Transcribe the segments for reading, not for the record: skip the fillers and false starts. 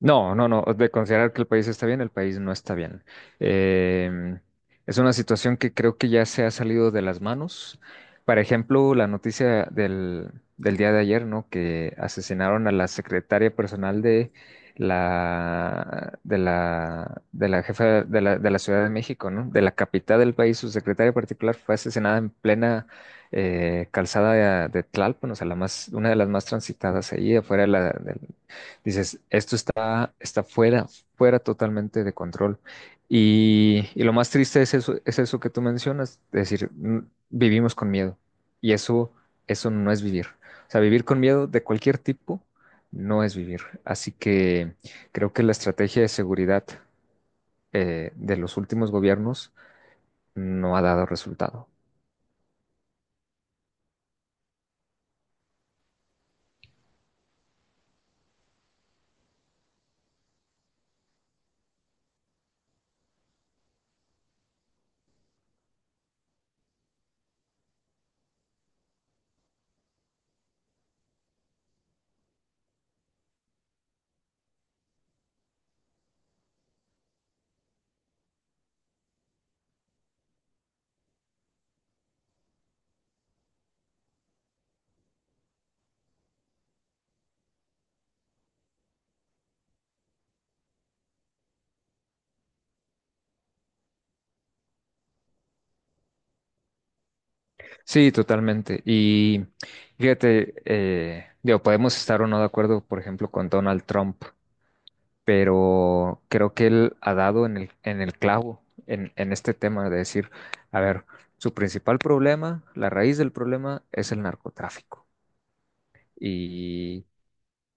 No, no, no, de considerar que el país está bien, el país no está bien. Em, es una situación que creo que ya se ha salido de las manos. Por ejemplo, la noticia del día de ayer, ¿no? Que asesinaron a la secretaria personal de la jefa de la Ciudad de México, ¿no? De la capital del país, su secretaria particular fue asesinada en plena calzada de Tlalpan, o sea, una de las más transitadas ahí afuera dices, esto está fuera totalmente de control. Y lo más triste es eso, que tú mencionas, es decir, vivimos con miedo. Y eso no es vivir. O sea, vivir con miedo de cualquier tipo no es vivir. Así que creo que la estrategia de seguridad de los últimos gobiernos no ha dado resultado. Sí, totalmente. Y fíjate, digo, podemos estar o no de acuerdo, por ejemplo, con Donald Trump, pero creo que él ha dado en el clavo en este tema de decir, a ver, su principal problema, la raíz del problema es el narcotráfico. Y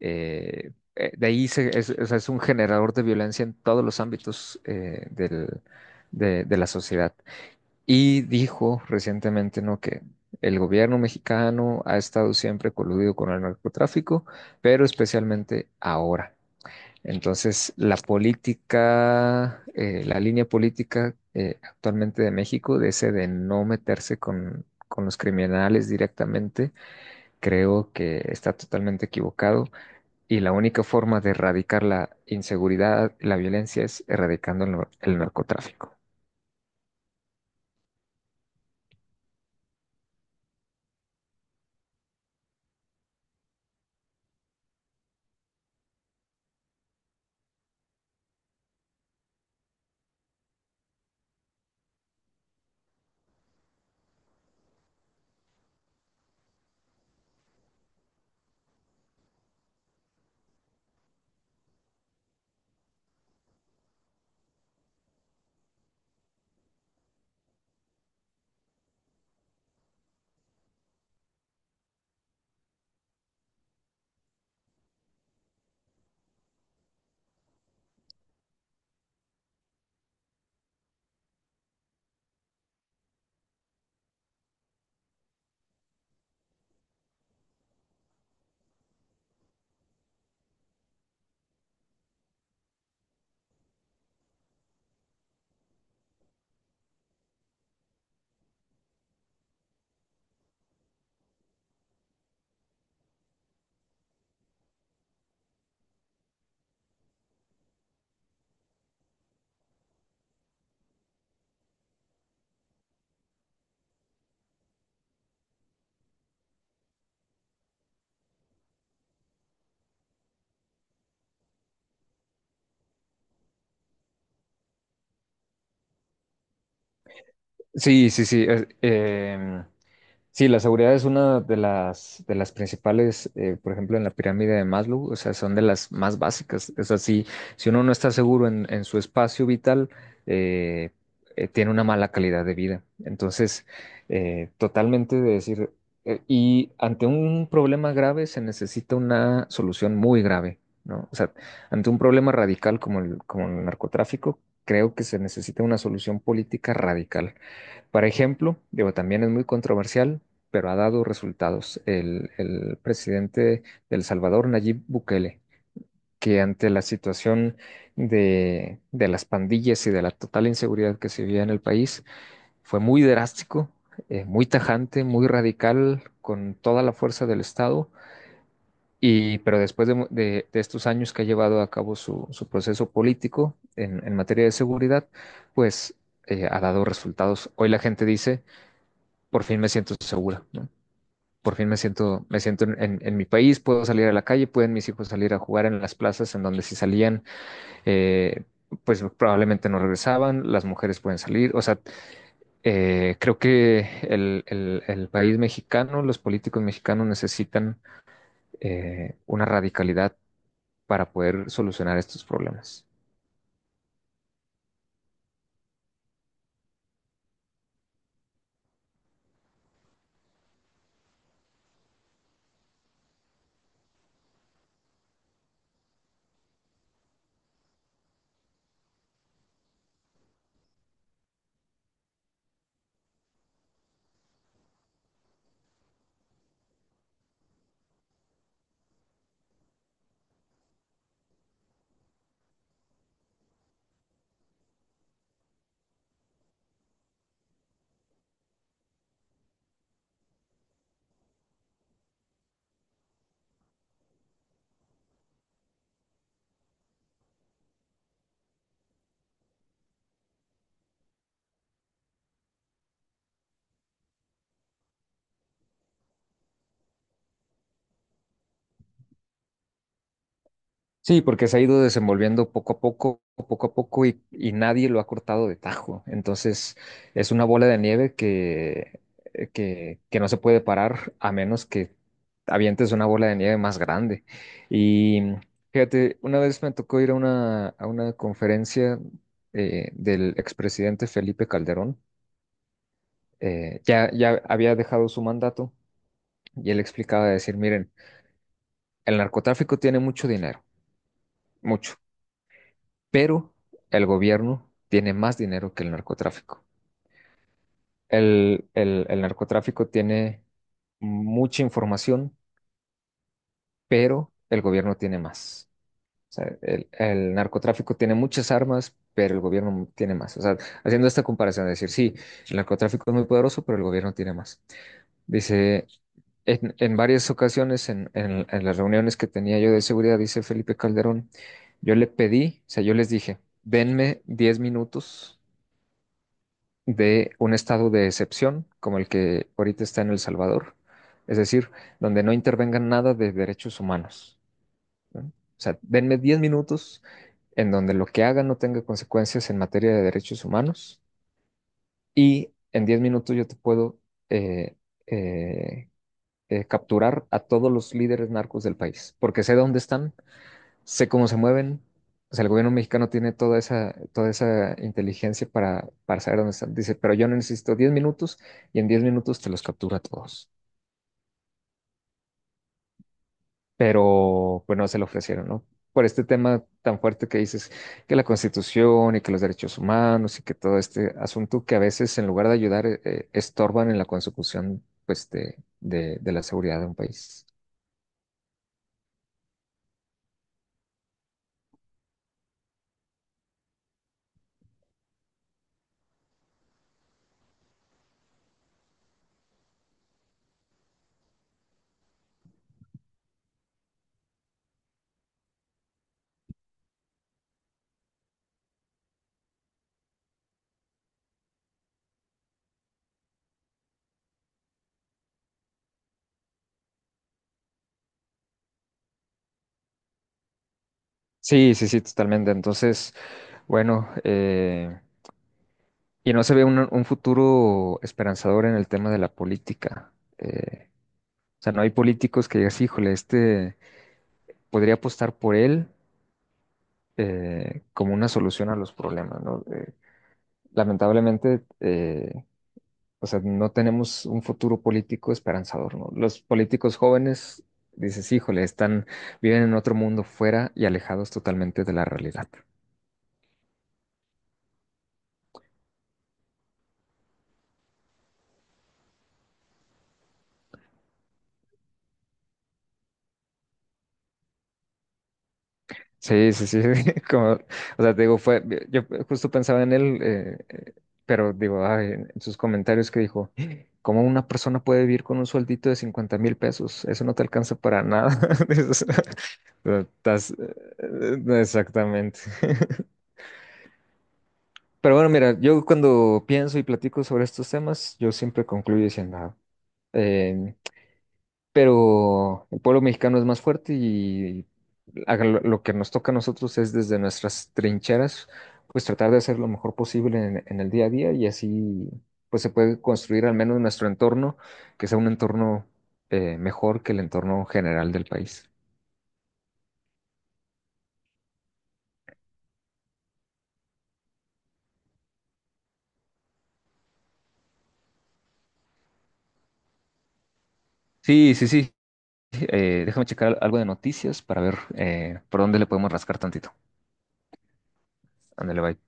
de ahí es, o sea, es un generador de violencia en todos los ámbitos de la sociedad. Y dijo recientemente, ¿no?, que el gobierno mexicano ha estado siempre coludido con el narcotráfico, pero especialmente ahora. Entonces, la línea política actualmente de México, de ese de no meterse con los criminales directamente, creo que está totalmente equivocado y la única forma de erradicar la inseguridad, la violencia, es erradicando el narcotráfico. Sí, sí, sí. Sí, la seguridad es una de las principales, por ejemplo, en la pirámide de Maslow, o sea, son de las más básicas. Es así, si uno no está seguro en su espacio vital, eh, tiene una mala calidad de vida. Entonces, totalmente de decir, y ante un problema grave se necesita una solución muy grave, ¿no? O sea, ante un problema radical como el narcotráfico, creo que se necesita una solución política radical, por ejemplo, digo, también es muy controversial, pero ha dado resultados. El presidente de El Salvador, Nayib Bukele, que ante la situación de las pandillas y de la total inseguridad que se vivía en el país, fue muy drástico, muy tajante, muy radical, con toda la fuerza del Estado. Y, pero después de estos años que ha llevado a cabo su proceso político en materia de seguridad, pues ha dado resultados. Hoy la gente dice: por fin me siento segura, ¿no? Por fin me siento en mi país, puedo salir a la calle, pueden mis hijos salir a jugar en las plazas en donde, si salían, eh, pues probablemente no regresaban, las mujeres pueden salir. O sea, creo que el país mexicano, los políticos mexicanos necesitan una radicalidad para poder solucionar estos problemas. Sí, porque se ha ido desenvolviendo poco a poco, y nadie lo ha cortado de tajo. Entonces, es una bola de nieve que no se puede parar a menos que avientes una bola de nieve más grande. Y fíjate, una vez me tocó ir a a una conferencia del expresidente Felipe Calderón. Ya había dejado su mandato y él explicaba de decir: miren, el narcotráfico tiene mucho dinero, mucho, pero el gobierno tiene más dinero que el narcotráfico. El narcotráfico tiene mucha información, pero el gobierno tiene más. O sea, el narcotráfico tiene muchas armas, pero el gobierno tiene más. O sea, haciendo esta comparación, de decir, sí, el narcotráfico es muy poderoso, pero el gobierno tiene más. Dice, en varias ocasiones, en las reuniones que tenía yo de seguridad, dice Felipe Calderón, yo le pedí, o sea, yo les dije: denme 10 minutos de un estado de excepción como el que ahorita está en El Salvador, es decir, donde no intervengan nada de derechos humanos, ¿no? O sea, denme 10 minutos en donde lo que haga no tenga consecuencias en materia de derechos humanos y en 10 minutos yo te puedo eh, eh, capturar a todos los líderes narcos del país, porque sé dónde están, sé cómo se mueven. O sea, el gobierno mexicano tiene toda esa inteligencia para saber dónde están. Dice, pero yo necesito 10 minutos y en 10 minutos te los captura a todos. Pero pues no se lo ofrecieron, ¿no? Por este tema tan fuerte que dices, que la Constitución y que los derechos humanos y que todo este asunto que a veces en lugar de ayudar estorban en la consecución pues de la seguridad de un país. Sí, sí, sí, totalmente. Entonces, bueno, y no se ve un futuro esperanzador en el tema de la política. Eh, o sea, no hay políticos que digas, híjole, este podría apostar por él, como una solución a los problemas, ¿no? Lamentablemente, o sea, no tenemos un futuro político esperanzador, ¿no? Los políticos jóvenes, dices, híjole, viven en otro mundo fuera y alejados totalmente de la realidad. Sí, sí, sí, como, o sea, te digo, yo justo pensaba en él, pero digo, ay, en sus comentarios que dijo, ¿cómo una persona puede vivir con un sueldito de 50,000 pesos? Eso no te alcanza para nada. Dices, exactamente. Pero bueno, mira, yo cuando pienso y platico sobre estos temas, yo siempre concluyo diciendo: nada, pero el pueblo mexicano es más fuerte y haga lo que nos toca a nosotros es desde nuestras trincheras, pues tratar de hacer lo mejor posible en el día a día y así pues se puede construir al menos nuestro entorno, que sea un entorno mejor que el entorno general del país. Sí, sí, sí. Déjame checar algo de noticias para ver por dónde le podemos rascar tantito. Ándale, bye.